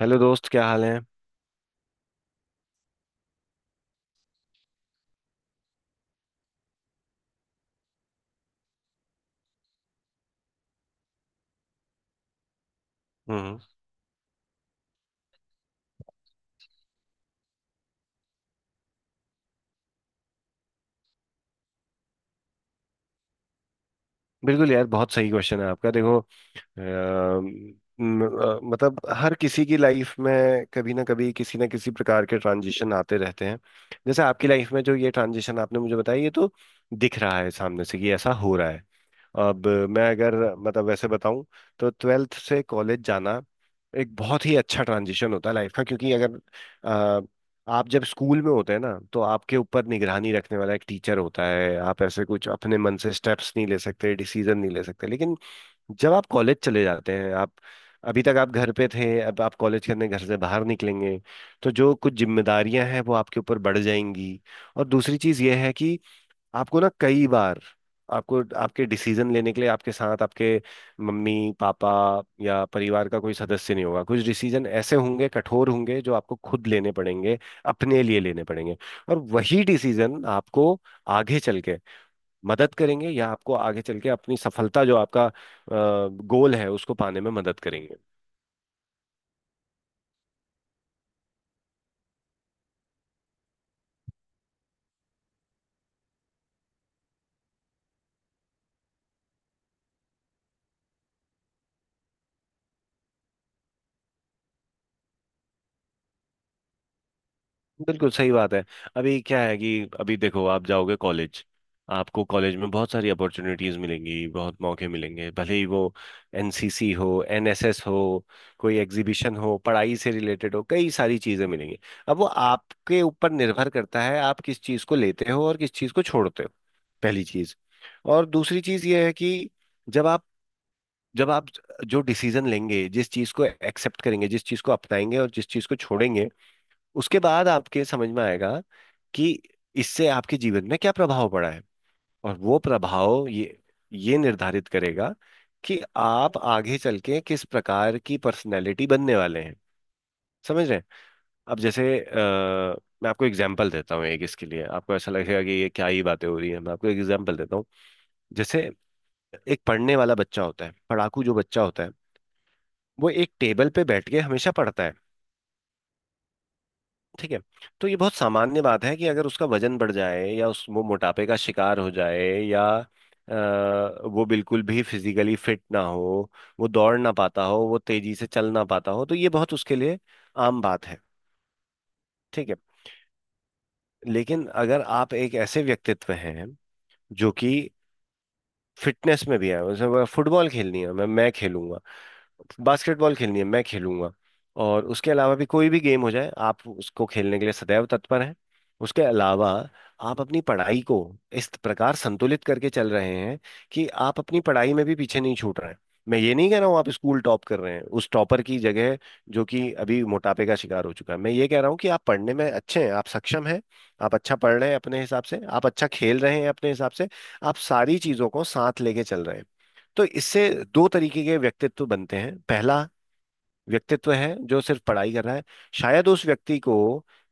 Hello दोस्त, क्या हाल है? हम्म। बिल्कुल यार, बहुत सही क्वेश्चन है आपका। देखो, अम, मतलब हर किसी की लाइफ में कभी ना कभी किसी ना किसी प्रकार के ट्रांजिशन आते रहते हैं। जैसे आपकी लाइफ में जो ये ट्रांजिशन आपने मुझे बताया ये तो दिख रहा है सामने से कि ऐसा हो रहा है। अब मैं अगर मतलब वैसे बताऊं तो ट्वेल्थ से कॉलेज जाना एक बहुत ही अच्छा ट्रांजिशन होता है लाइफ का, क्योंकि अगर आ, आप जब स्कूल में होते हैं ना तो आपके ऊपर निगरानी रखने वाला एक टीचर होता है, आप ऐसे कुछ अपने मन से स्टेप्स नहीं ले सकते, डिसीजन नहीं ले सकते। लेकिन जब आप कॉलेज चले जाते हैं, आप अभी तक आप घर पे थे, अब आप कॉलेज करने घर से बाहर निकलेंगे, तो जो कुछ जिम्मेदारियां हैं वो आपके ऊपर बढ़ जाएंगी। और दूसरी चीज़ यह है कि आपको ना कई बार आपको आपके डिसीजन लेने के लिए आपके साथ आपके मम्मी, पापा या परिवार का कोई सदस्य नहीं होगा। कुछ डिसीजन ऐसे होंगे, कठोर होंगे, जो आपको खुद लेने पड़ेंगे, अपने लिए लेने पड़ेंगे। और वही डिसीजन आपको आगे चल के मदद करेंगे, या आपको आगे चल के अपनी सफलता, जो आपका गोल है, उसको पाने में मदद करेंगे। बिल्कुल सही बात है। अभी क्या है कि अभी देखो आप जाओगे कॉलेज, आपको कॉलेज में बहुत सारी अपॉर्चुनिटीज मिलेंगी, बहुत मौके मिलेंगे, भले ही वो एनसीसी हो, एनएसएस हो, कोई एग्जीबिशन हो, पढ़ाई से रिलेटेड हो, कई सारी चीजें मिलेंगी। अब वो आपके ऊपर निर्भर करता है आप किस चीज को लेते हो और किस चीज को छोड़ते हो, पहली चीज। और दूसरी चीज ये है कि जब आप जब आप जो डिसीजन लेंगे, जिस चीज को एक्सेप्ट करेंगे, जिस चीज को अपनाएंगे और जिस चीज को छोड़ेंगे, उसके बाद आपके समझ में आएगा कि इससे आपके जीवन में क्या प्रभाव पड़ा है। और वो प्रभाव ये निर्धारित करेगा कि आप आगे चल के किस प्रकार की पर्सनैलिटी बनने वाले हैं, समझ रहे हैं? अब जैसे मैं आपको एग्जाम्पल देता हूँ एक, इसके लिए आपको ऐसा लगेगा कि ये क्या ही बातें हो रही है। मैं आपको एग्जाम्पल देता हूँ। जैसे एक पढ़ने वाला बच्चा होता है, पढ़ाकू जो बच्चा होता है वो एक टेबल पे बैठ के हमेशा पढ़ता है। ठीक है। तो ये बहुत सामान्य बात है कि अगर उसका वजन बढ़ जाए या उस वो मोटापे का शिकार हो जाए या अ, वो बिल्कुल भी फिजिकली फिट ना हो, वो दौड़ ना पाता हो, वो तेजी से चल ना पाता हो, तो ये बहुत उसके लिए आम बात है। ठीक है। लेकिन अगर आप एक ऐसे व्यक्तित्व हैं जो कि फिटनेस में भी है, जैसे फुटबॉल खेलनी है मैं खेलूंगा, बास्केटबॉल खेलनी है मैं खेलूंगा, और उसके अलावा भी कोई भी गेम हो जाए आप उसको खेलने के लिए सदैव तत्पर हैं। उसके अलावा आप अपनी पढ़ाई को इस प्रकार संतुलित करके चल रहे हैं कि आप अपनी पढ़ाई में भी पीछे नहीं छूट रहे हैं। मैं ये नहीं कह रहा हूँ आप स्कूल टॉप कर रहे हैं उस टॉपर की जगह जो कि अभी मोटापे का शिकार हो चुका है, मैं ये कह रहा हूँ कि आप पढ़ने में अच्छे हैं, आप सक्षम हैं, आप अच्छा पढ़ रहे हैं अपने हिसाब से, आप अच्छा खेल रहे हैं अपने हिसाब से, आप सारी चीज़ों को साथ लेके चल रहे हैं। तो इससे दो तरीके के व्यक्तित्व बनते हैं। पहला व्यक्तित्व है जो सिर्फ पढ़ाई कर रहा है, शायद उस व्यक्ति को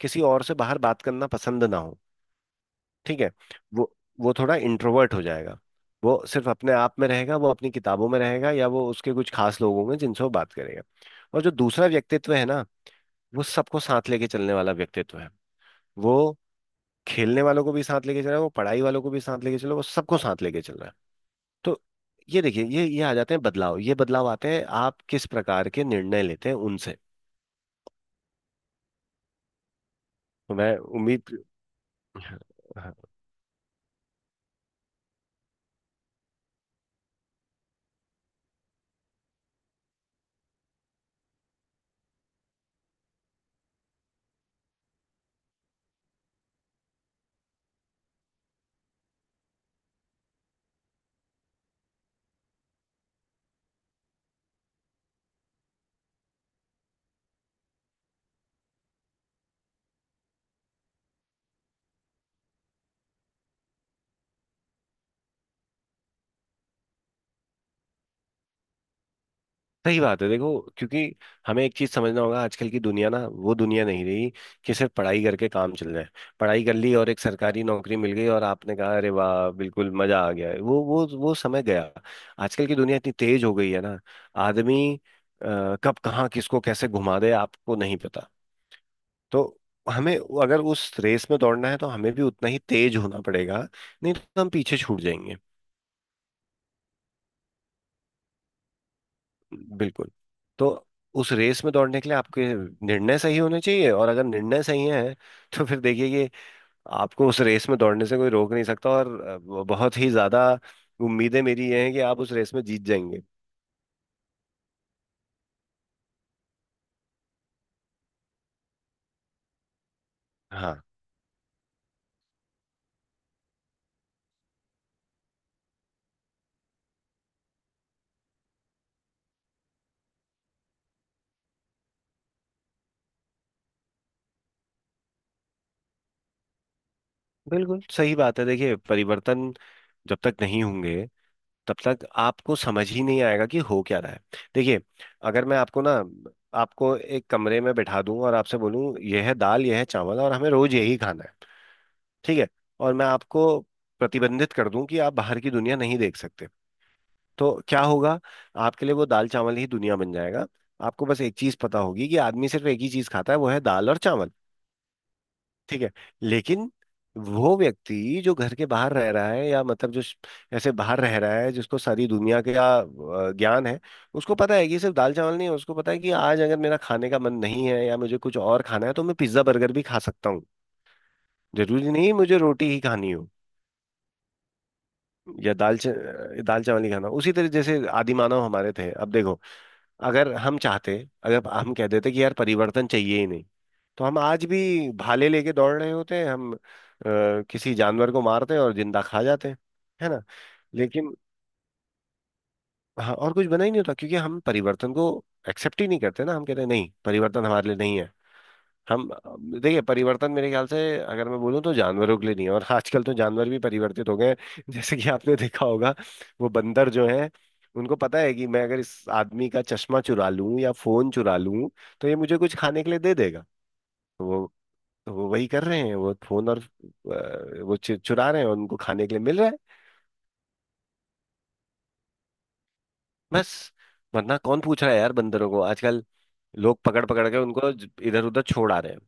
किसी और से बाहर बात करना पसंद ना हो। ठीक है। वो वो थोड़ा इंट्रोवर्ट हो जाएगा, वो सिर्फ अपने आप में रहेगा, वो अपनी किताबों में रहेगा, या वो उसके कुछ खास लोग होंगे जिनसे वो बात करेगा। और जो दूसरा व्यक्तित्व है ना, वो सबको साथ लेके चलने वाला व्यक्तित्व है, वो खेलने वालों को भी साथ लेके चल रहा है, वो पढ़ाई वालों को भी साथ लेके चल रहा है, वो सबको साथ लेके चल रहा है। तो ये देखिए ये आ जाते हैं बदलाव। ये बदलाव आते हैं आप किस प्रकार के निर्णय लेते हैं उनसे। तो मैं उम्मीद। हाँ, हाँ, सही बात है। देखो, क्योंकि हमें एक चीज समझना होगा, आजकल की दुनिया ना वो दुनिया नहीं रही कि सिर्फ पढ़ाई करके काम चल जाए। पढ़ाई कर ली और एक सरकारी नौकरी मिल गई और आपने कहा अरे वाह बिल्कुल मजा आ गया, वो समय गया। आजकल की दुनिया इतनी तेज हो गई है ना, आदमी कब कहाँ किसको कैसे घुमा दे आपको नहीं पता। तो हमें अगर उस रेस में दौड़ना है तो हमें भी उतना ही तेज होना पड़ेगा, नहीं तो हम पीछे छूट जाएंगे। बिल्कुल। तो उस रेस में दौड़ने के लिए आपके निर्णय सही होने चाहिए, और अगर निर्णय सही है तो फिर देखिए कि आपको उस रेस में दौड़ने से कोई रोक नहीं सकता। और बहुत ही ज्यादा उम्मीदें मेरी ये हैं कि आप उस रेस में जीत जाएंगे। हाँ। बिल्कुल सही बात है। देखिए, परिवर्तन जब तक नहीं होंगे तब तक आपको समझ ही नहीं आएगा कि हो क्या रहा है। देखिए, अगर मैं आपको ना आपको एक कमरे में बिठा दूं और आपसे बोलूं यह है दाल यह है चावल और हमें रोज यही खाना है। ठीक है। और मैं आपको प्रतिबंधित कर दूं कि आप बाहर की दुनिया नहीं देख सकते तो क्या होगा? आपके लिए वो दाल चावल ही दुनिया बन जाएगा। आपको बस एक चीज पता होगी कि आदमी सिर्फ एक ही चीज खाता है, वो है दाल और चावल। ठीक है। लेकिन वो व्यक्ति जो घर के बाहर रह रहा है, या मतलब जो ऐसे बाहर रह रहा है, जिसको सारी दुनिया का ज्ञान है, उसको पता है कि सिर्फ दाल चावल नहीं है। उसको पता है कि आज अगर मेरा खाने का मन नहीं है या मुझे कुछ और खाना है तो मैं पिज्जा बर्गर भी खा सकता हूँ। जरूरी नहीं मुझे रोटी ही खानी हो या दाल चावल ही खाना हो। उसी तरह जैसे आदि मानव हमारे थे, अब देखो अगर हम चाहते, अगर हम कह देते कि यार परिवर्तन चाहिए ही नहीं, तो हम आज भी भाले लेके दौड़ रहे होते हैं। हम किसी जानवर को मारते हैं और जिंदा खा जाते हैं, है ना। लेकिन हाँ, और कुछ बना ही नहीं होता, क्योंकि हम परिवर्तन को एक्सेप्ट ही नहीं करते ना, हम कहते हैं नहीं परिवर्तन हमारे लिए नहीं है। हम देखिए, परिवर्तन मेरे ख्याल से अगर मैं बोलूँ तो जानवरों के लिए नहीं है, और आजकल तो जानवर भी परिवर्तित हो गए हैं जैसे कि आपने देखा होगा, वो बंदर जो हैं उनको पता है कि मैं अगर इस आदमी का चश्मा चुरा लूं या फोन चुरा लूं तो ये मुझे कुछ खाने के लिए दे देगा। तो वो तो वो वही कर रहे हैं, वो फोन, और वो चुरा रहे हैं और उनको खाने के लिए मिल रहा है। बस, वरना कौन पूछ रहा है यार बंदरों को आजकल, लोग पकड़ पकड़ के उनको इधर उधर छोड़ आ रहे हैं।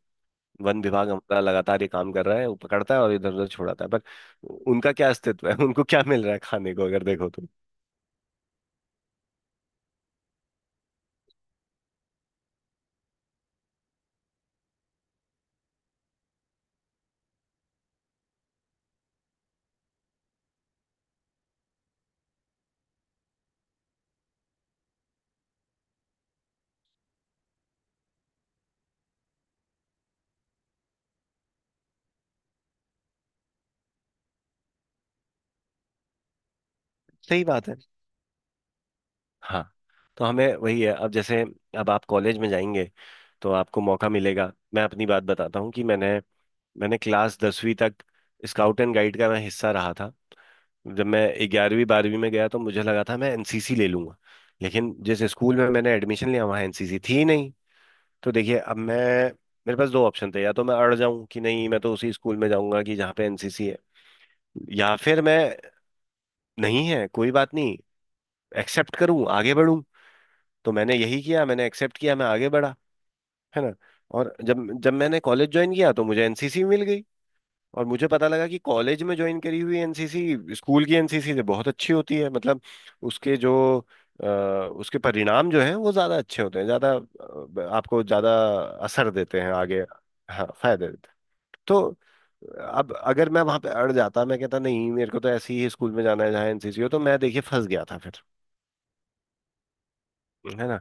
वन विभाग हमारा लगातार ये काम कर रहा है, वो पकड़ता है और इधर उधर छोड़ाता है, पर उनका क्या अस्तित्व है उनको क्या मिल रहा है खाने को अगर देखो तो। सही बात है। हाँ। तो हमें वही है, अब जैसे अब आप कॉलेज में जाएंगे तो आपको मौका मिलेगा। मैं अपनी बात बताता हूँ कि मैंने मैंने क्लास 10वीं तक स्काउट एंड गाइड का मैं हिस्सा रहा था। जब मैं 11वीं 12वीं में गया तो मुझे लगा था मैं एनसीसी ले लूंगा। लेकिन जिस स्कूल में मैंने एडमिशन लिया वहाँ एनसीसी थी ही नहीं। तो देखिए, अब मैं, मेरे पास दो ऑप्शन थे, या तो मैं अड़ जाऊं कि नहीं मैं तो उसी स्कूल में जाऊंगा कि जहाँ पे एनसीसी है, या फिर मैं नहीं है कोई बात नहीं एक्सेप्ट करूं आगे बढ़ूं। तो मैंने यही किया, मैंने एक्सेप्ट किया, मैं आगे बढ़ा, है ना। और जब जब मैंने कॉलेज ज्वाइन किया तो मुझे एनसीसी मिल गई। और मुझे पता लगा कि कॉलेज में ज्वाइन करी हुई एनसीसी स्कूल की एनसीसी से बहुत अच्छी होती है, मतलब उसके जो उसके परिणाम जो है वो ज्यादा अच्छे होते हैं, ज्यादा, आपको ज्यादा असर देते हैं आगे। हाँ, फायदे देते हैं। तो अब अगर मैं वहां पे अड़ जाता, मैं कहता नहीं मेरे को तो ऐसे ही स्कूल में जाना है जहाँ एनसीसी हो, तो मैं देखिए फंस गया था फिर, है ना।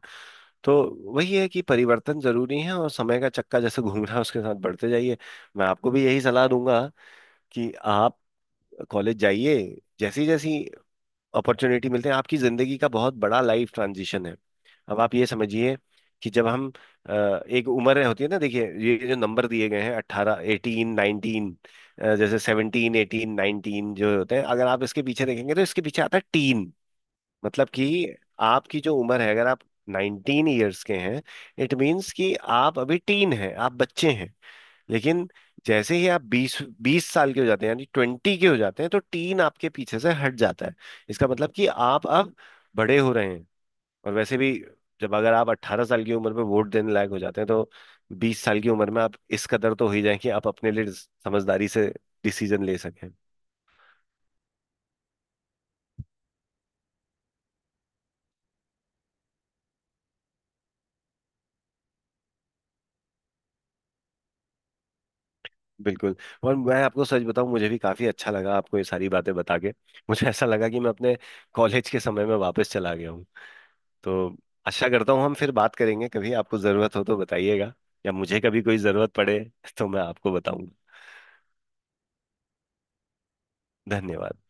तो वही है कि परिवर्तन जरूरी है, और समय का चक्का जैसे घूम रहा है उसके साथ बढ़ते जाइए। मैं आपको भी यही सलाह दूंगा कि आप कॉलेज जाइए, जैसी जैसी अपॉर्चुनिटी मिलते हैं, आपकी जिंदगी का बहुत बड़ा लाइफ ट्रांजिशन है। अब आप ये समझिए कि जब हम, अ, एक उम्र होती है ना, देखिए ये जो नंबर दिए गए हैं 18 18 19, जैसे 17 18 19 जो होते हैं, अगर आप इसके पीछे देखेंगे तो इसके पीछे आता है टीन। मतलब कि आपकी जो उम्र है, अगर आप 19 ईयर्स के हैं, इट मीन्स कि आप अभी टीन हैं, आप बच्चे हैं। लेकिन जैसे ही आप 20 20 साल के हो जाते हैं, यानी 20 के हो जाते हैं, तो टीन आपके पीछे से हट जाता है। इसका मतलब कि आप अब बड़े हो रहे हैं। और वैसे भी, जब अगर आप 18 साल की उम्र में वोट देने लायक हो जाते हैं, तो 20 साल की उम्र में आप इस कदर तो हो ही जाए कि आप अपने लिए समझदारी से डिसीजन ले सकें। बिल्कुल। और मैं आपको सच बताऊं, मुझे भी काफी अच्छा लगा आपको ये सारी बातें बता के, मुझे ऐसा लगा कि मैं अपने कॉलेज के समय में वापस चला गया। तो आशा करता हूँ हम फिर बात करेंगे, कभी आपको ज़रूरत हो तो बताइएगा, या मुझे कभी कोई ज़रूरत पड़े तो मैं आपको बताऊंगा। धन्यवाद।